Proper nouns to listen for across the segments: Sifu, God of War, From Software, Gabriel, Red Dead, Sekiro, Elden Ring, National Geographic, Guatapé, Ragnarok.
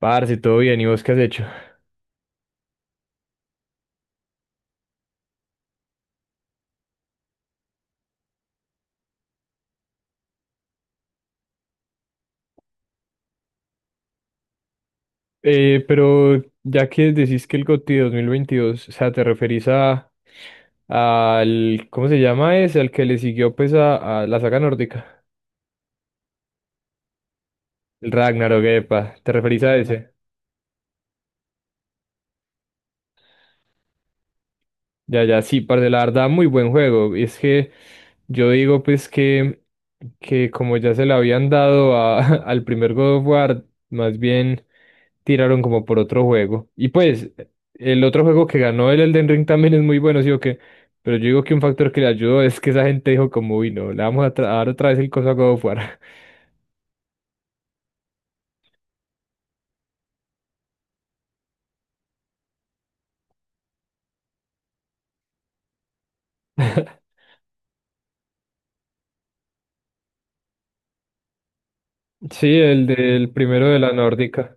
Parce, todo bien, ¿y vos qué has hecho? Pero ya que decís que el GOTY 2022, o sea, te referís a al, ¿cómo se llama ese? Al que le siguió pues a la saga nórdica. El Ragnarok, epa, ¿te referís a ese? Ya, sí, parce, la verdad, muy buen juego. Y es que yo digo, pues, que como ya se le habían dado al primer God of War, más bien tiraron como por otro juego. Y pues, el otro juego que ganó, el Elden Ring, también es muy bueno, ¿sí o qué? Pero yo digo que un factor que le ayudó es que esa gente dijo, como, uy, no, le vamos a, a dar otra vez el coso a God of War. Sí, el del primero de la nórdica.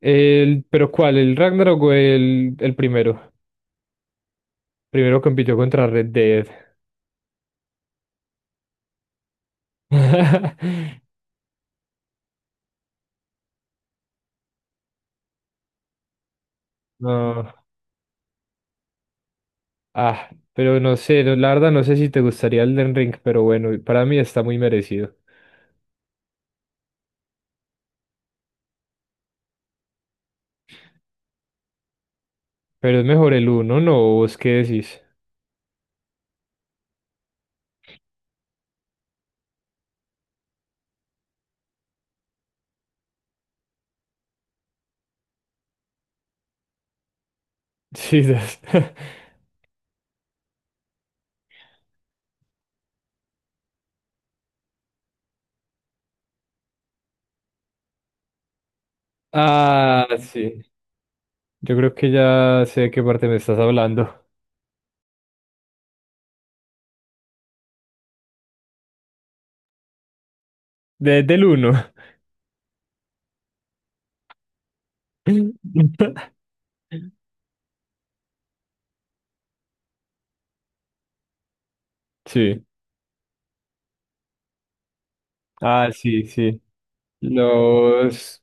El, pero ¿cuál? ¿El Ragnarok o el primero? Primero compitió contra Red Dead. No, pero no sé, la verdad no sé si te gustaría el Den Ring, pero bueno, para mí está muy merecido. Pero es mejor el uno, ¿no? ¿Vos qué decís? Sí, Ah, sí. Yo creo que ya sé de qué parte me estás hablando. De- del uno. Sí. Ah, sí, sí. Los,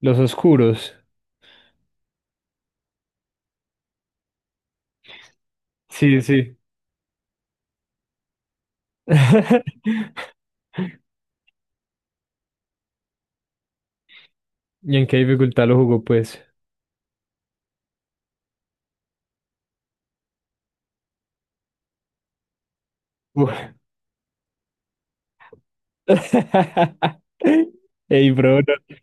los oscuros. Sí, sí. ¿Y en qué dificultad lo jugó, pues? Ey, bro, no,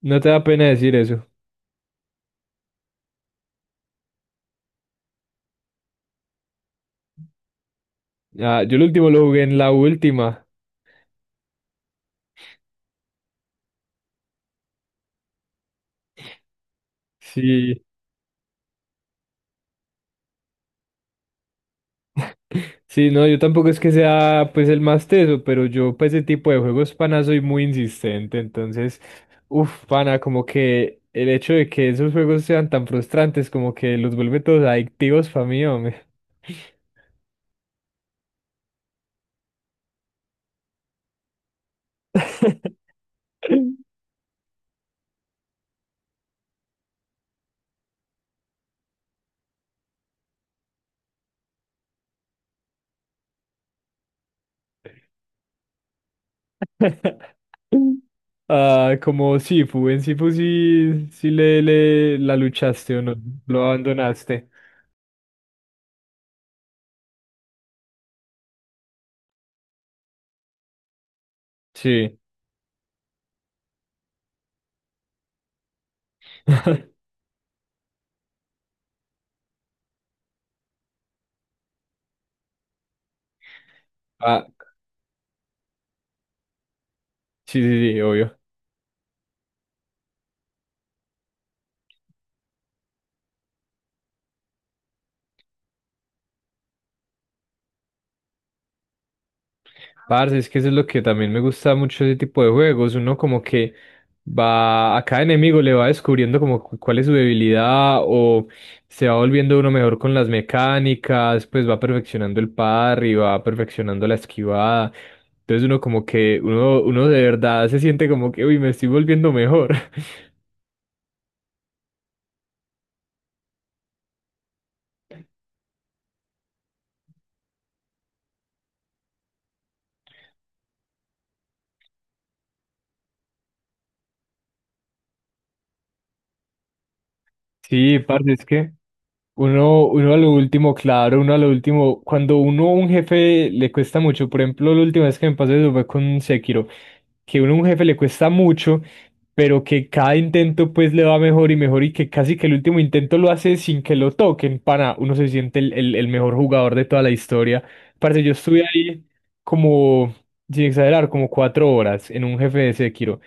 no te da pena decir eso. Ah, yo el último lo jugué en la última. Sí, sí, no, yo tampoco es que sea pues el más teso, pero yo para ese tipo de juegos, pana, soy muy insistente. Entonces, uff, pana, como que el hecho de que esos juegos sean tan frustrantes, como que los vuelve todos adictivos para mí, hombre. Ah, como Sifu, en Sifu sí, le la luchaste o no, lo abandonaste. Sí. Ah, sí, sí, sí, obvio. Parce, es que eso es lo que también me gusta mucho ese tipo de juegos. Uno como que va, a cada enemigo le va descubriendo como cuál es su debilidad o se va volviendo uno mejor con las mecánicas, pues va perfeccionando el parry, va perfeccionando la esquivada. Entonces uno como que, uno de verdad se siente como que, uy, me estoy volviendo mejor. Sí, parce, es que uno a lo último, claro, uno a lo último, cuando uno a un jefe le cuesta mucho, por ejemplo, la última vez que me pasó eso fue con Sekiro, que uno a un jefe le cuesta mucho, pero que cada intento pues le va mejor y mejor y que casi que el último intento lo hace sin que lo toquen, para uno se siente el mejor jugador de toda la historia. Parce, yo estuve ahí como, sin exagerar, como 4 horas en un jefe de Sekiro.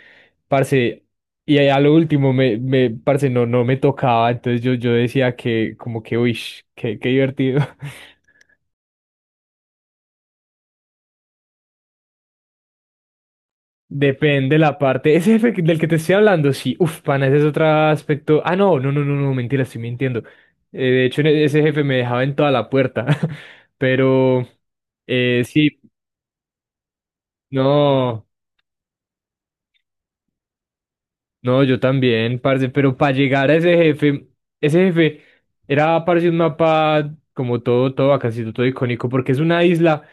Parce, y a lo último parce, no, no me tocaba, entonces yo decía que como que, uy, qué divertido. Depende la parte. Ese jefe del que te estoy hablando, sí, uf, pana, ese es otro aspecto. Ah, no, no, no, no, no, mentira, estoy mintiendo. De hecho, en ese jefe me dejaba en toda la puerta. Pero, sí, no. No, yo también, parce, pero para llegar a ese jefe era, parce, un mapa como todo, casi todo icónico, porque es una isla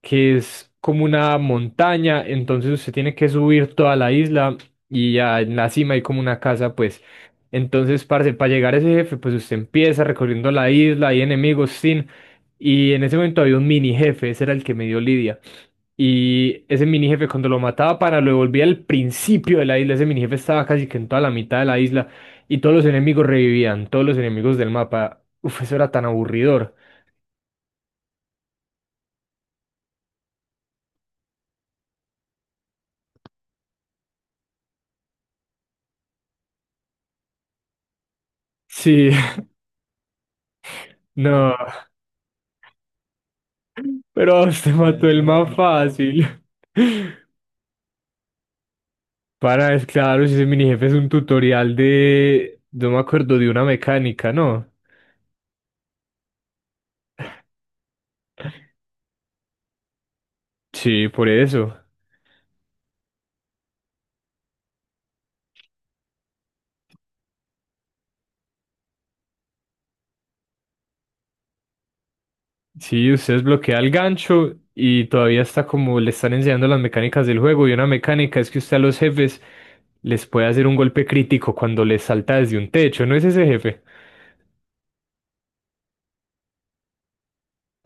que es como una montaña, entonces usted tiene que subir toda la isla y ya en la cima hay como una casa, pues. Entonces, parce, para llegar a ese jefe, pues usted empieza recorriendo la isla, hay enemigos, sin, y en ese momento había un mini jefe, ese era el que me dio Lidia. Y ese mini jefe cuando lo mataba para lo devolvía al principio de la isla, ese mini jefe estaba casi que en toda la mitad de la isla y todos los enemigos revivían, todos los enemigos del mapa. Uf, eso era tan aburridor. Sí, no, pero usted mató el más fácil. Para, es claro, si ese mini jefe es un tutorial de, no me acuerdo, de una mecánica, ¿no? Sí, por eso. Sí, usted desbloquea el gancho y todavía está como le están enseñando las mecánicas del juego. Y una mecánica es que usted a los jefes les puede hacer un golpe crítico cuando les salta desde un techo, ¿no es ese jefe?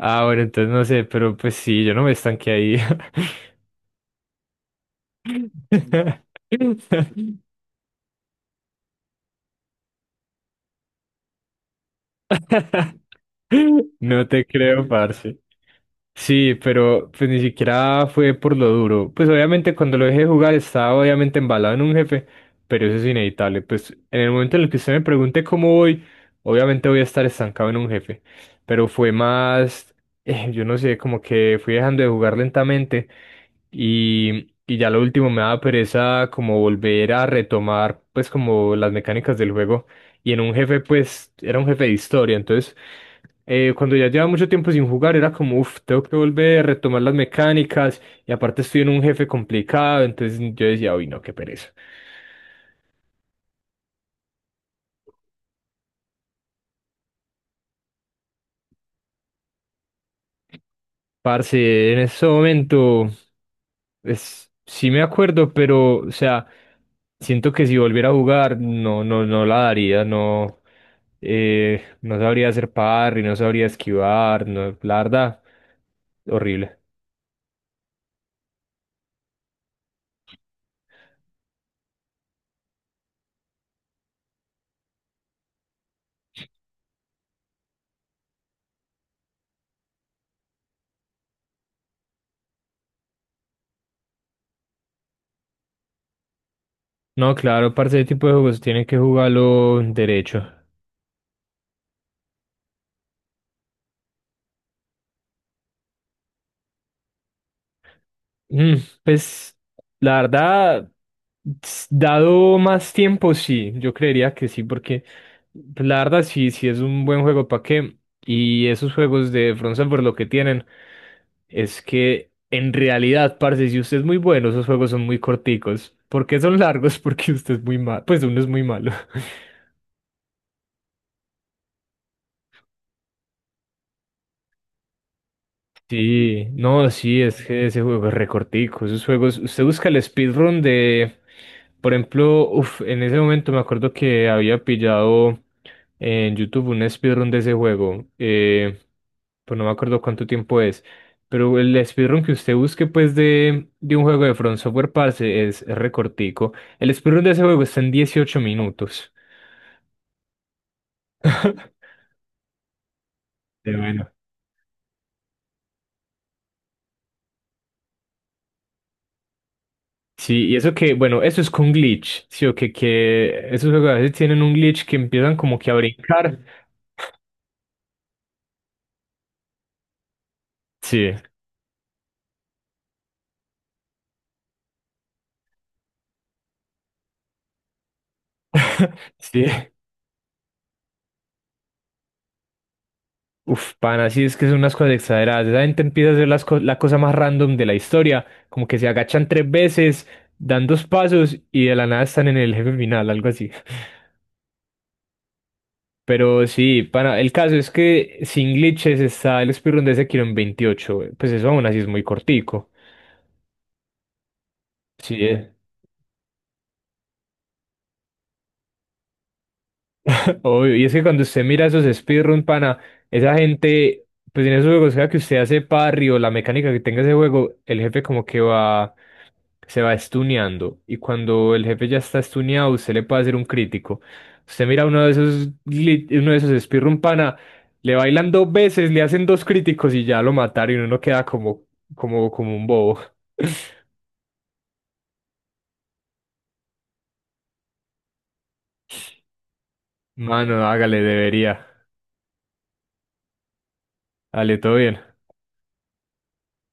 Ah, bueno, entonces no sé, pero pues sí, yo no me estanqué ahí. No te creo, parce. Sí, pero pues ni siquiera fue por lo duro. Pues obviamente cuando lo dejé de jugar estaba obviamente embalado en un jefe, pero eso es inevitable. Pues en el momento en el que usted me pregunte cómo voy, obviamente voy a estar estancado en un jefe. Pero fue más, yo no sé, como que fui dejando de jugar lentamente y ya lo último me daba pereza como volver a retomar pues como las mecánicas del juego. Y en un jefe pues era un jefe de historia, entonces cuando ya llevaba mucho tiempo sin jugar, era como, uff, tengo que volver a retomar las mecánicas. Y aparte estoy en un jefe complicado, entonces yo decía, uy, no, qué pereza. Parce, en ese momento, es, sí me acuerdo, pero, o sea, siento que si volviera a jugar, no la daría, no, no sabría hacer parry, no sabría esquivar, no, la verdad, horrible. No, claro, parce, ese tipo de juegos tienen que jugarlo derecho. Mm, pues la verdad, dado más tiempo, sí, yo creería que sí, porque pues, la verdad sí, sí es un buen juego para qué. Y esos juegos de Front Software lo que tienen es que en realidad, parce, si usted es muy bueno, esos juegos son muy corticos. ¿Por qué son largos? Porque usted es muy malo, pues uno es muy malo. Sí, no, sí, es que ese juego es recortico, esos juegos, usted busca el speedrun de, por ejemplo, uf, en ese momento me acuerdo que había pillado en YouTube un speedrun de ese juego. Pues no me acuerdo cuánto tiempo es. Pero el speedrun que usted busque, pues, de un juego de From Software, parce, es recortico. El speedrun de ese juego está en 18 minutos. Pero bueno. Sí, y eso que, bueno, eso es con glitch, ¿sí o que esos juegos a veces tienen un glitch que empiezan como que a brincar. Sí, sí. Uf, pana. Sí es que son unas cosas exageradas. Esa gente empieza a hacer las la cosa más random de la historia, como que se agachan tres veces, dan dos pasos y de la nada están en el jefe final, algo así. Pero sí, pana, el caso es que sin glitches está el speedrun de ese kilo en 28. Pues eso aún así es muy cortico. Sí, eh. Obvio, y es que cuando usted mira esos speedrun, pana, esa gente, pues en esos juegos, sea que usted hace parry o la mecánica que tenga ese juego, el jefe como que va se va estuneando y cuando el jefe ya está estuneado, usted le puede hacer un crítico. Usted mira uno de esos, uno de esos speedrun pana, le bailan dos veces, le hacen dos críticos y ya lo mataron y uno queda como, como un bobo. Mano, hágale, debería. Dale, todo bien.